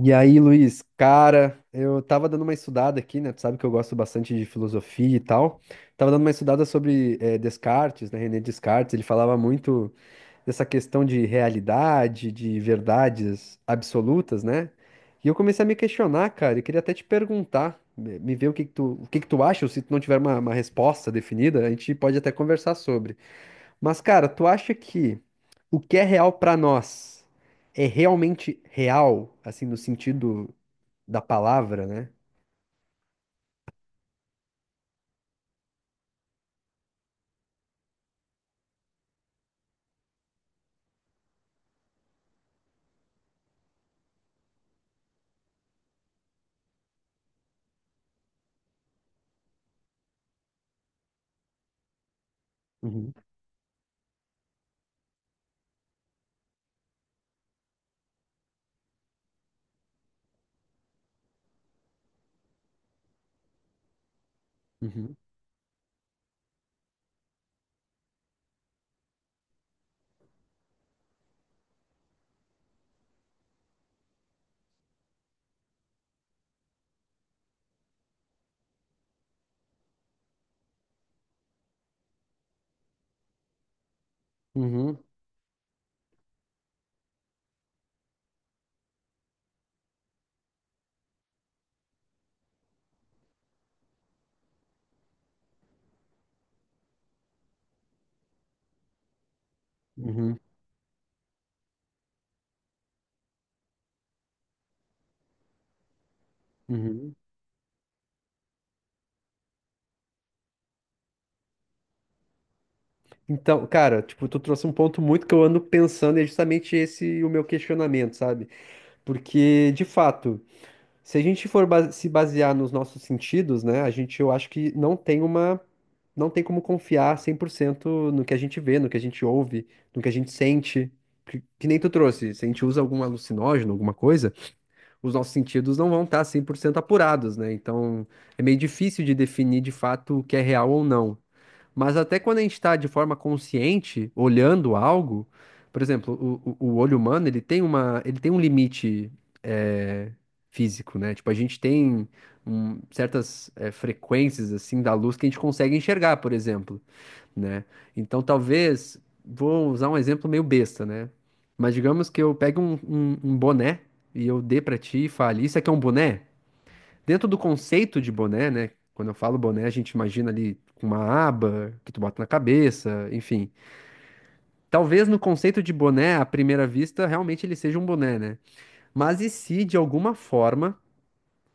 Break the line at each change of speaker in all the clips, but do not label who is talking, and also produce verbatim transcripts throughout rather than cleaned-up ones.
E aí, Luiz, cara, eu tava dando uma estudada aqui, né? Tu sabe que eu gosto bastante de filosofia e tal. Tava dando uma estudada sobre eh, Descartes, né? René Descartes. Ele falava muito dessa questão de realidade, de verdades absolutas, né? E eu comecei a me questionar, cara, e queria até te perguntar, me me ver o que que tu, o que que tu acha, ou se tu não tiver uma, uma resposta definida, a gente pode até conversar sobre. Mas, cara, tu acha que o que é real pra nós é realmente real, assim, no sentido da palavra, né? Uhum, uhum, uhum, uhum, uhum. Então, cara, tipo, tu trouxe um ponto muito que eu ando pensando e é justamente esse o meu questionamento, sabe? Porque, de fato. Se a gente for base- Se basear nos nossos sentidos, né, a gente, eu acho que não tem uma, não tem como confiar cem por cento no que a gente vê, no que a gente ouve, no que a gente sente. Que, que nem tu trouxe, se a gente usa algum alucinógeno, alguma coisa, os nossos sentidos não vão estar cem por cento apurados, né? Então, é meio difícil de definir de fato o que é real ou não. Mas até quando a gente está de forma consciente, olhando algo, por exemplo, o, o- o olho humano, ele tem uma, ele tem um limite eh, físico, né? Tipo, a gente tem hum, certas eh, frequências, assim, da luz que a gente consegue enxergar, por exemplo, né? Então, talvez, vou usar um exemplo meio besta, né? Mas digamos que eu pegue um, um- um boné e eu dê pra ti e fale, isso aqui é um boné? Dentro do conceito de boné, né? Quando eu falo boné, a gente imagina ali com uma aba que tu bota na cabeça, enfim. Talvez no conceito de boné, à primeira vista, realmente ele seja um boné, né? Mas e se, de alguma forma,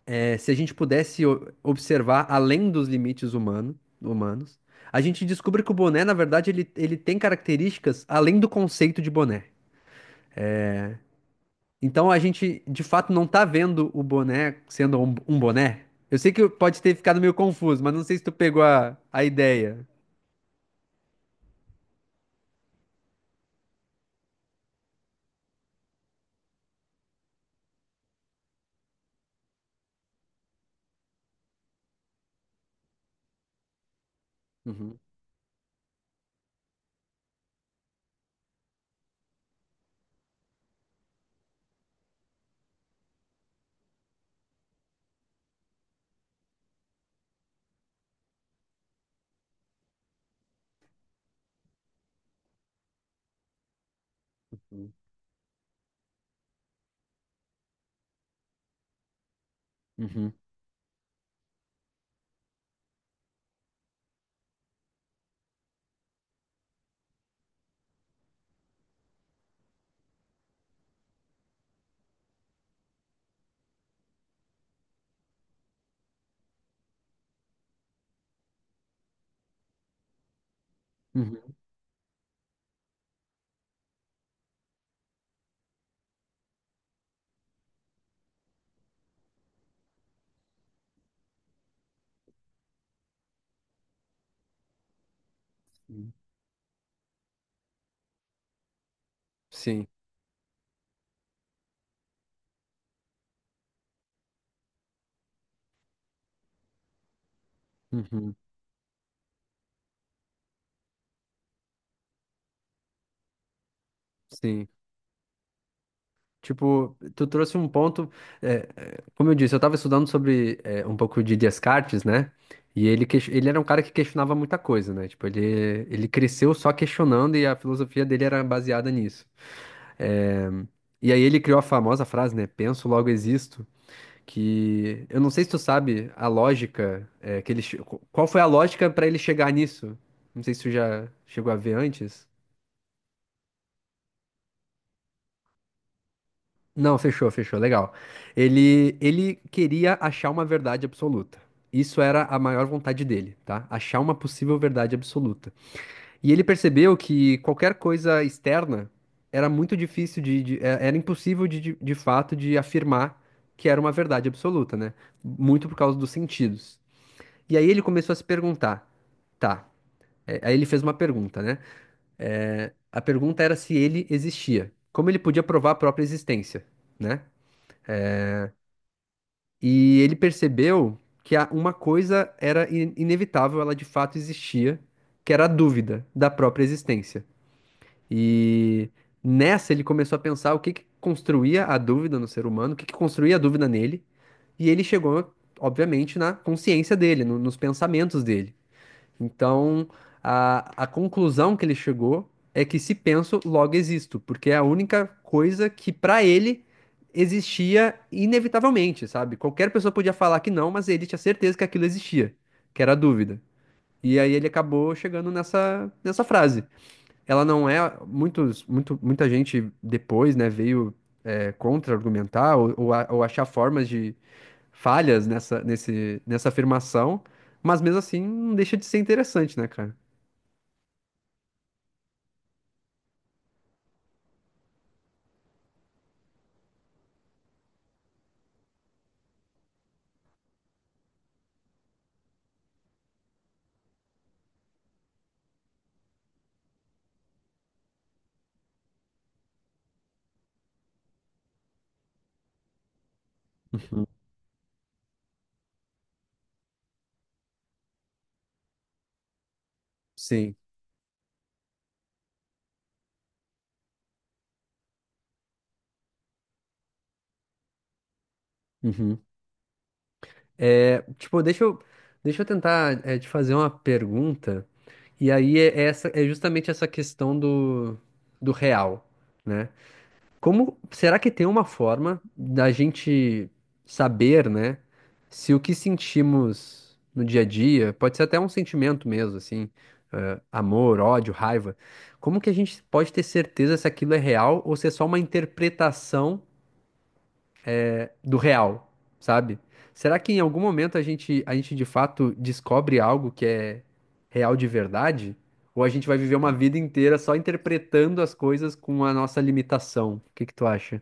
eh, se a gente pudesse o- observar além dos limites humano, humanos, a gente descobre que o boné, na verdade, ele, ele tem características além do conceito de boné. Então a gente de fato não tá vendo o boné sendo um, um boné. Eu sei que pode ter ficado meio confuso, mas não sei se tu pegou a, a ideia. Uhum, uhum, uhum, uhum, uhum. Sim, uhum, sim. Tipo, tu trouxe um ponto. É, é, como eu disse, eu tava estudando sobre é, um pouco de Descartes, né? E ele, ques- ele era um cara que questionava muita coisa, né? Tipo, ele, ele cresceu só questionando e a filosofia dele era baseada nisso. É, e aí ele criou a famosa frase, né? Penso, logo existo. Que eu não sei se tu sabe a lógica é, que ele che- qual foi a lógica para ele chegar nisso? Não sei se tu já chegou a ver antes. Não, fechou, fechou, legal. Ele ele queria achar uma verdade absoluta. Isso era a maior vontade dele, tá? Achar uma possível verdade absoluta. E ele percebeu que qualquer coisa externa era muito difícil de, de- é- era impossível de, de de fato de afirmar que era uma verdade absoluta, né? Muito por causa dos sentidos. E aí ele começou a se perguntar, tá? é, Aí ele fez uma pergunta, né? É, a pergunta era se ele existia, como ele podia provar a própria existência, né? E ele percebeu que a- uma coisa era in- inevitável, ela de fato existia, que era a dúvida da própria existência. E nessa ele começou a pensar o que que construía a dúvida no ser humano, o que que construía a dúvida nele, e ele chegou, obviamente, na consciência dele, no- nos pensamentos dele. Então, a, a conclusão que ele chegou é que se penso, logo existo, porque é a única coisa que para ele existia inevitavelmente, sabe? Qualquer pessoa podia falar que não, mas ele tinha certeza que aquilo existia, que era a dúvida. E aí ele acabou chegando nessa, nessa frase, ela não é, muitos, muito, muita gente depois, né, veio é, contra-argumentar ou, ou, a- ou achar formas de falhas nessa, nesse, nessa afirmação, mas mesmo assim não deixa de ser interessante, né, cara? Uhum. Sim. Uhum. É, tipo, deixa eu, deixa eu tentar é, te fazer uma pergunta, e aí é, essa, é justamente essa questão do, do real. Né? Como será que tem uma forma da gente saber, né, se o que sentimos no dia a dia, pode ser até um sentimento mesmo, assim, eh, amor, ódio, raiva, como que a gente pode ter certeza se aquilo é real ou se é só uma interpretação do real, sabe? Será que em algum momento a gente, a gente de fato descobre algo que é real de verdade? Ou a gente vai viver uma vida inteira só interpretando as coisas com a nossa limitação? O que que tu acha?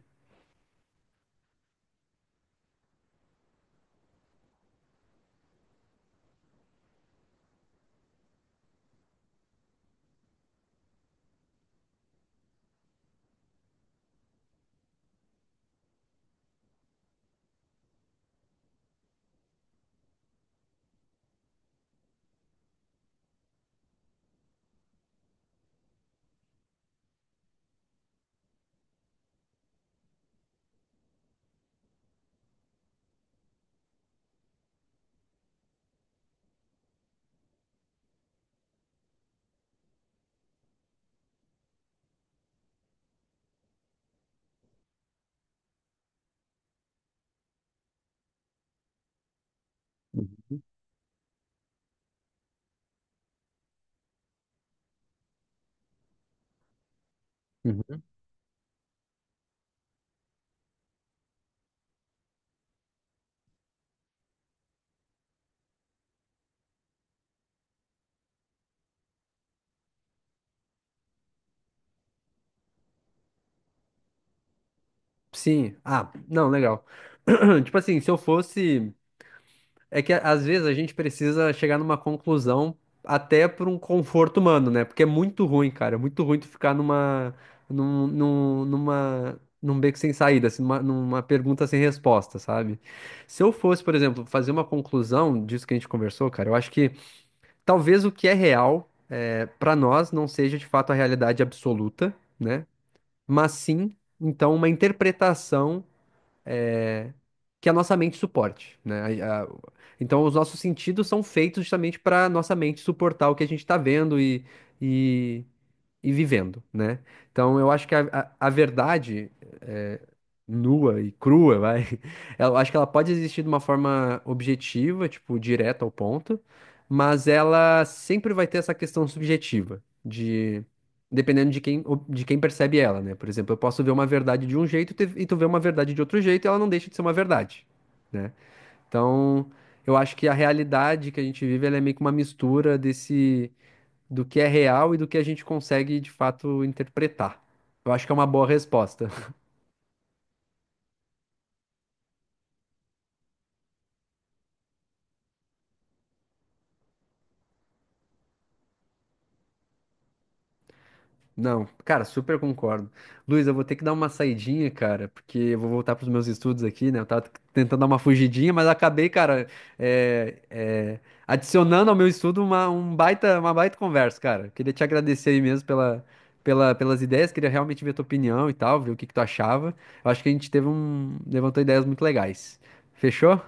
Uhum. Sim. Ah, não, legal. Tipo assim, se eu fosse. É que às vezes a gente precisa chegar numa conclusão até por um conforto humano, né? Porque é muito ruim, cara. É muito ruim tu ficar numa. Num, num, numa. Num beco sem saída, assim, numa, numa pergunta sem resposta, sabe? Se eu fosse, por exemplo, fazer uma conclusão disso que a gente conversou, cara, eu acho que talvez o que é real para nós não seja de fato a realidade absoluta, né? Mas sim, então, uma interpretação. é, que a nossa mente suporte, né? A- a- então, os nossos sentidos são feitos justamente para nossa mente suportar o que a gente está vendo e, e vivendo, né? Então eu acho que a, a, a verdade é, nua e crua, vai, eu acho que ela pode existir de uma forma objetiva, tipo, direta ao ponto, mas ela sempre vai ter essa questão subjetiva, de dependendo de quem, ob- de quem percebe ela, né? Por exemplo, eu posso ver uma verdade de um jeito e te- e tu vê uma verdade de outro jeito e ela não deixa de ser uma verdade, né? Então, eu acho que a realidade que a gente vive, ela é meio que uma mistura desse do que é real e do que a gente consegue de fato interpretar. Eu acho que é uma boa resposta. Não, cara, super concordo. Luiz, eu vou ter que dar uma saidinha, cara, porque eu vou voltar pros meus estudos aqui, né? Eu tava tentando dar uma fugidinha, mas acabei, cara, é, é, adicionando ao meu estudo uma, um baita, uma baita conversa, cara. Queria te agradecer aí mesmo pela, pela, pelas ideias, queria realmente ver tua opinião e tal, ver o que que tu achava. Eu acho que a gente teve um, levantou ideias muito legais. Fechou?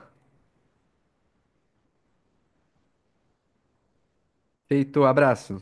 Feito, abraço.